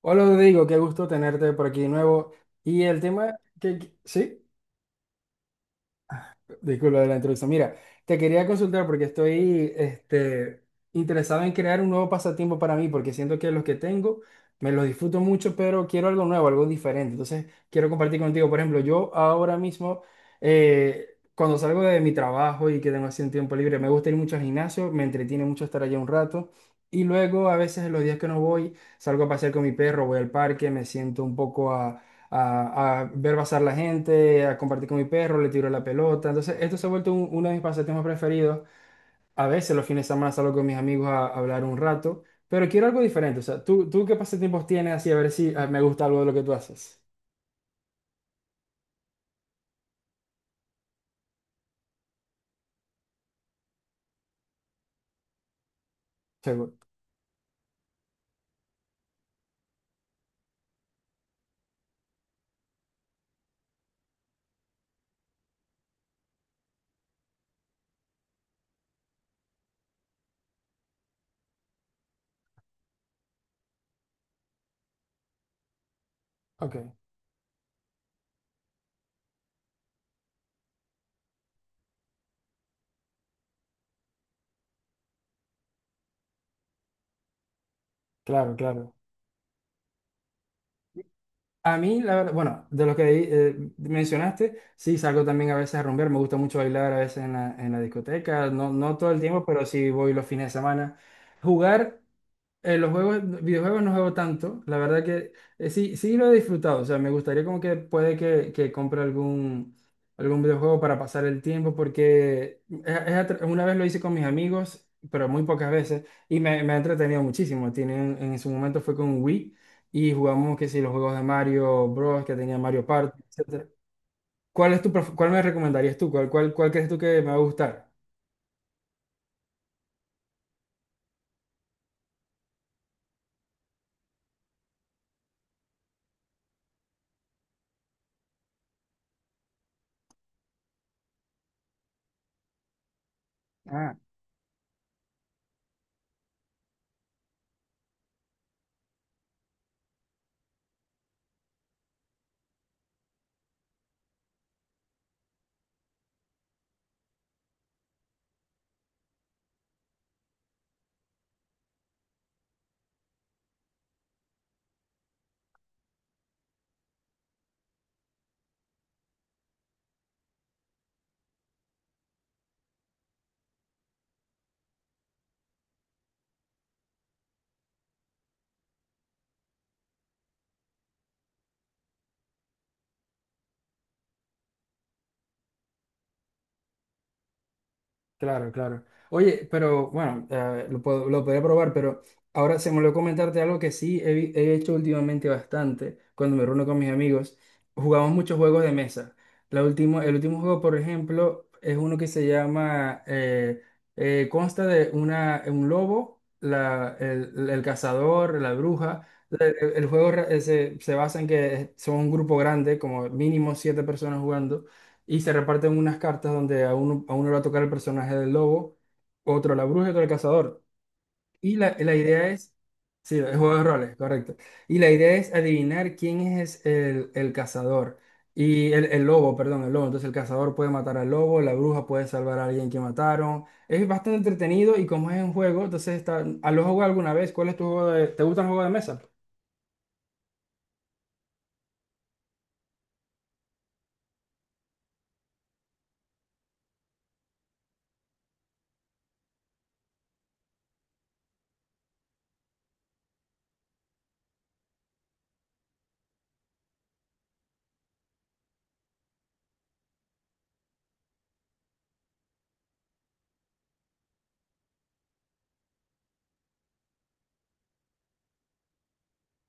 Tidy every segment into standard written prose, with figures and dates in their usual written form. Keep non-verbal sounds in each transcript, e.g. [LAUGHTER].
Hola Rodrigo, qué gusto tenerte por aquí de nuevo. Y el tema que, que- sí, disculpa de la introducción. Mira, te quería consultar porque estoy interesado en crear un nuevo pasatiempo para mí, porque siento que los que tengo me los disfruto mucho, pero quiero algo nuevo, algo diferente. Entonces, quiero compartir contigo. Por ejemplo, yo ahora mismo, cuando salgo de mi trabajo y que tengo así un tiempo libre, me gusta ir mucho al gimnasio, me entretiene mucho estar allá un rato. Y luego, a veces, en los días que no voy, salgo a pasear con mi perro, voy al parque, me siento un poco a ver pasar la gente, a compartir con mi perro, le tiro la pelota. Entonces, esto se ha vuelto uno de mis pasatiempos preferidos. A veces los fines de semana salgo con mis amigos a hablar un rato, pero quiero algo diferente. O sea, ¿tú qué pasatiempos tienes así? A ver si me gusta algo de lo que tú haces. Seguro. Ok, claro, claro. A mí, la verdad, bueno, de lo que mencionaste, sí, salgo también a veces a rumbear, me gusta mucho bailar a veces en la discoteca, no, no todo el tiempo, pero sí voy los fines de semana. Jugar. Los juegos, videojuegos no juego tanto, la verdad que sí, sí lo he disfrutado, o sea, me gustaría como que puede que compre algún, algún videojuego para pasar el tiempo, porque una vez lo hice con mis amigos, pero muy pocas veces, y me ha entretenido muchísimo. Tienen, en su momento fue con Wii y jugamos que si los juegos de Mario Bros, que tenía Mario Party, etcétera. ¿Cuál es tu, cuál me recomendarías tú? ¿Cuál crees tú que me va a gustar? Claro, claro. Oye, pero bueno, lo podría probar, pero ahora se me olvidó comentarte algo que he hecho últimamente bastante cuando me reúno con mis amigos. Jugamos muchos juegos de mesa. El último juego, por ejemplo, es uno que se llama, consta de un lobo, el cazador, la bruja. El juego se basa en que son un grupo grande, como mínimo siete personas jugando, y se reparten unas cartas donde a uno le va a tocar el personaje del lobo, otro la bruja y otro el cazador. Y la, la idea es, sí, el juego de roles, correcto. Y la idea es adivinar quién es el cazador. Y el lobo. Entonces el cazador puede matar al lobo, la bruja puede salvar a alguien que mataron. Es bastante entretenido y como es un juego, entonces está, ¿a lo jugado alguna vez? ¿Cuál es tu juego de, ¿te gusta el juego de mesa?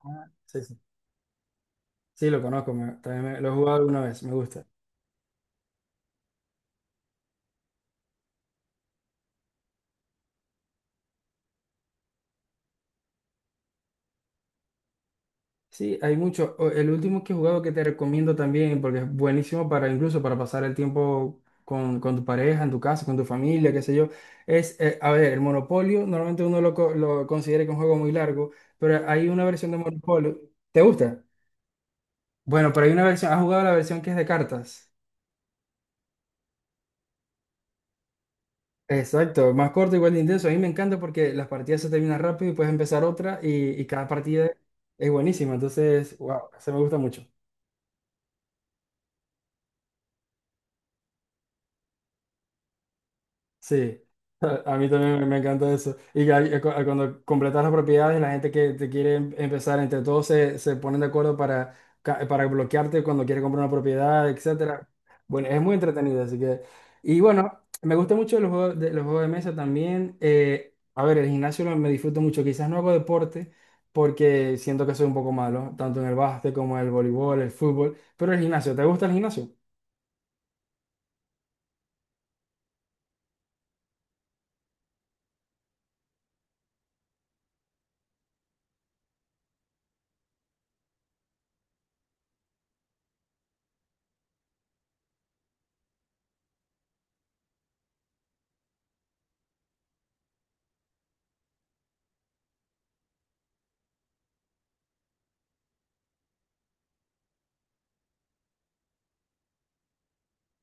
Ah, sí, sí. Sí, lo conozco, lo he jugado alguna vez, me gusta. Sí, hay mucho. El último que he jugado que te recomiendo también, porque es buenísimo para incluso para pasar el tiempo con tu pareja, en tu casa, con tu familia, qué sé yo, es, a ver, el Monopolio, normalmente lo considera que es un juego muy largo, pero hay una versión de Monopolio. ¿Te gusta? Bueno, pero hay una versión, ¿has jugado la versión que es de cartas? Exacto, más corto, igual de intenso. A mí me encanta porque las partidas se terminan rápido y puedes empezar otra, y cada partida es buenísima. Entonces, wow, se me gusta mucho. Sí, [LAUGHS] a mí también me encanta eso. Y que cuando completas las propiedades, la gente que te quiere empezar, entre todos se ponen de acuerdo para, para bloquearte cuando quiere comprar una propiedad, etcétera. Bueno, es muy entretenido, así que... Y bueno, me gusta mucho los juegos de mesa también. A ver, me disfruto mucho. Quizás no hago deporte porque siento que soy un poco malo, tanto en el básquet como en el voleibol, el fútbol. Pero el gimnasio, ¿te gusta el gimnasio?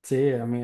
Sí, a mí.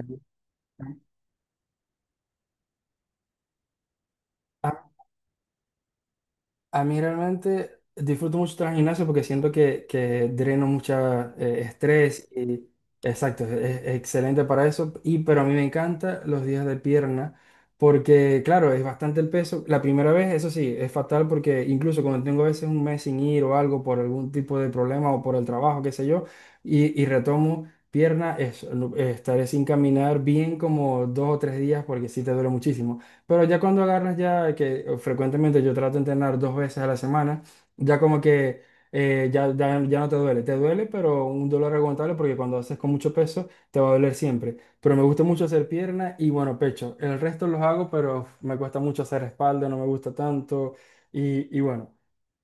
A mí realmente disfruto mucho tras gimnasio porque siento que dreno mucha estrés y exacto, es excelente para eso. Y pero a mí me encanta los días de pierna porque claro, es bastante el peso. La primera vez, eso sí, es fatal porque incluso cuando tengo a veces un mes sin ir o algo por algún tipo de problema o por el trabajo, qué sé yo, y retomo pierna, estaré sin caminar bien como dos o tres días porque sí te duele muchísimo. Pero ya cuando agarras ya, que frecuentemente yo trato de entrenar dos veces a la semana, ya como que ya no te duele. Te duele, pero un dolor aguantable porque cuando haces con mucho peso te va a doler siempre. Pero me gusta mucho hacer pierna y bueno, pecho. El resto los hago, pero me cuesta mucho hacer espalda, no me gusta tanto. Y bueno,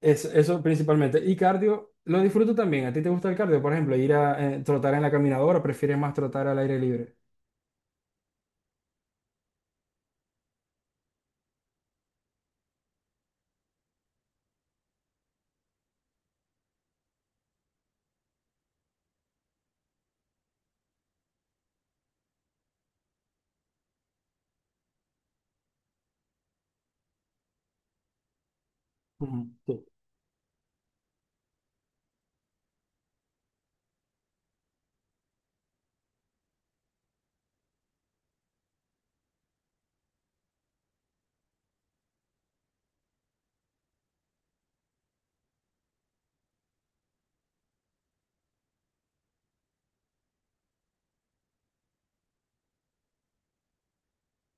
eso principalmente. Y cardio, lo disfruto también. ¿A ti te gusta el cardio? Por ejemplo, ir a trotar en la caminadora, ¿prefieres más trotar al aire libre? Ujú, sí.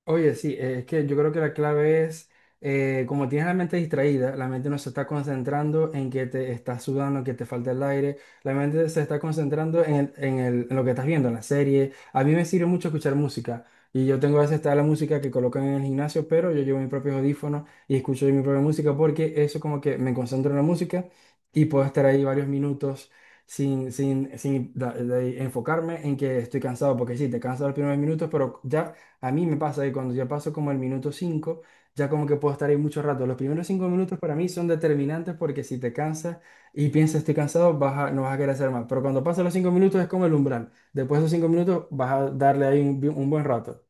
Oye, sí, es que yo creo que la clave es como tienes la mente distraída, la mente no se está concentrando en que te estás sudando, que te falta el aire, la mente se está concentrando en lo que estás viendo, en la serie. A mí me sirve mucho escuchar música, y yo tengo a veces está la música que colocan en el gimnasio, pero yo llevo mis propios audífonos y escucho mi propia música porque eso como que me concentro en la música y puedo estar ahí varios minutos, sin de enfocarme en que estoy cansado, porque sí, te cansas los primeros minutos, pero ya a mí me pasa que cuando ya paso como el minuto 5, ya como que puedo estar ahí mucho rato. Los primeros 5 minutos para mí son determinantes porque si te cansas y piensas estoy cansado, no vas a querer hacer más. Pero cuando pasan los 5 minutos es como el umbral. Después de esos 5 minutos vas a darle ahí un buen rato.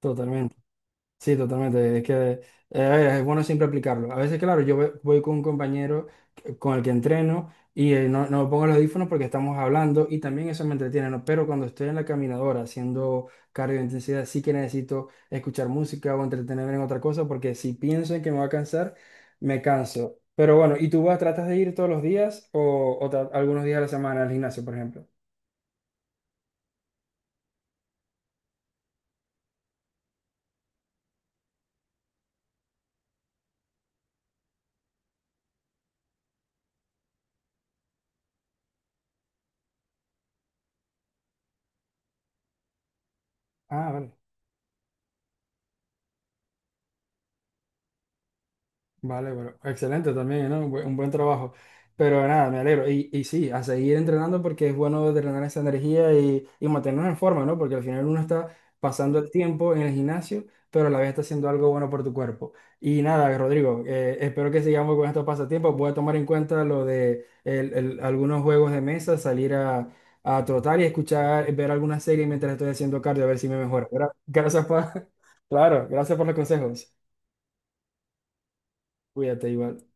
Totalmente. Sí, totalmente. Es que es bueno siempre aplicarlo. A veces, claro, voy con un compañero con el que entreno y no pongo los audífonos porque estamos hablando y también eso me entretiene, ¿no? Pero cuando estoy en la caminadora haciendo cardio de intensidad, sí que necesito escuchar música o entretenerme en otra cosa porque si pienso en que me va a cansar, me canso. Pero bueno, ¿y tú vas, tratas de ir todos los días o algunos días a la semana al gimnasio, por ejemplo? Ah, vale. Vale, bueno, excelente también, ¿no? Un buen trabajo. Pero nada, me alegro. Y sí, a seguir entrenando porque es bueno drenar esa energía y mantenernos en forma, ¿no? Porque al final uno está pasando el tiempo en el gimnasio, pero a la vez está haciendo algo bueno por tu cuerpo. Y nada, Rodrigo, espero que sigamos con estos pasatiempos. Voy a tomar en cuenta lo de algunos juegos de mesa, salir a trotar y escuchar, ver alguna serie mientras estoy haciendo cardio, a ver si me mejora. Gracias por, [LAUGHS] claro, gracias por los consejos. Cuídate igual.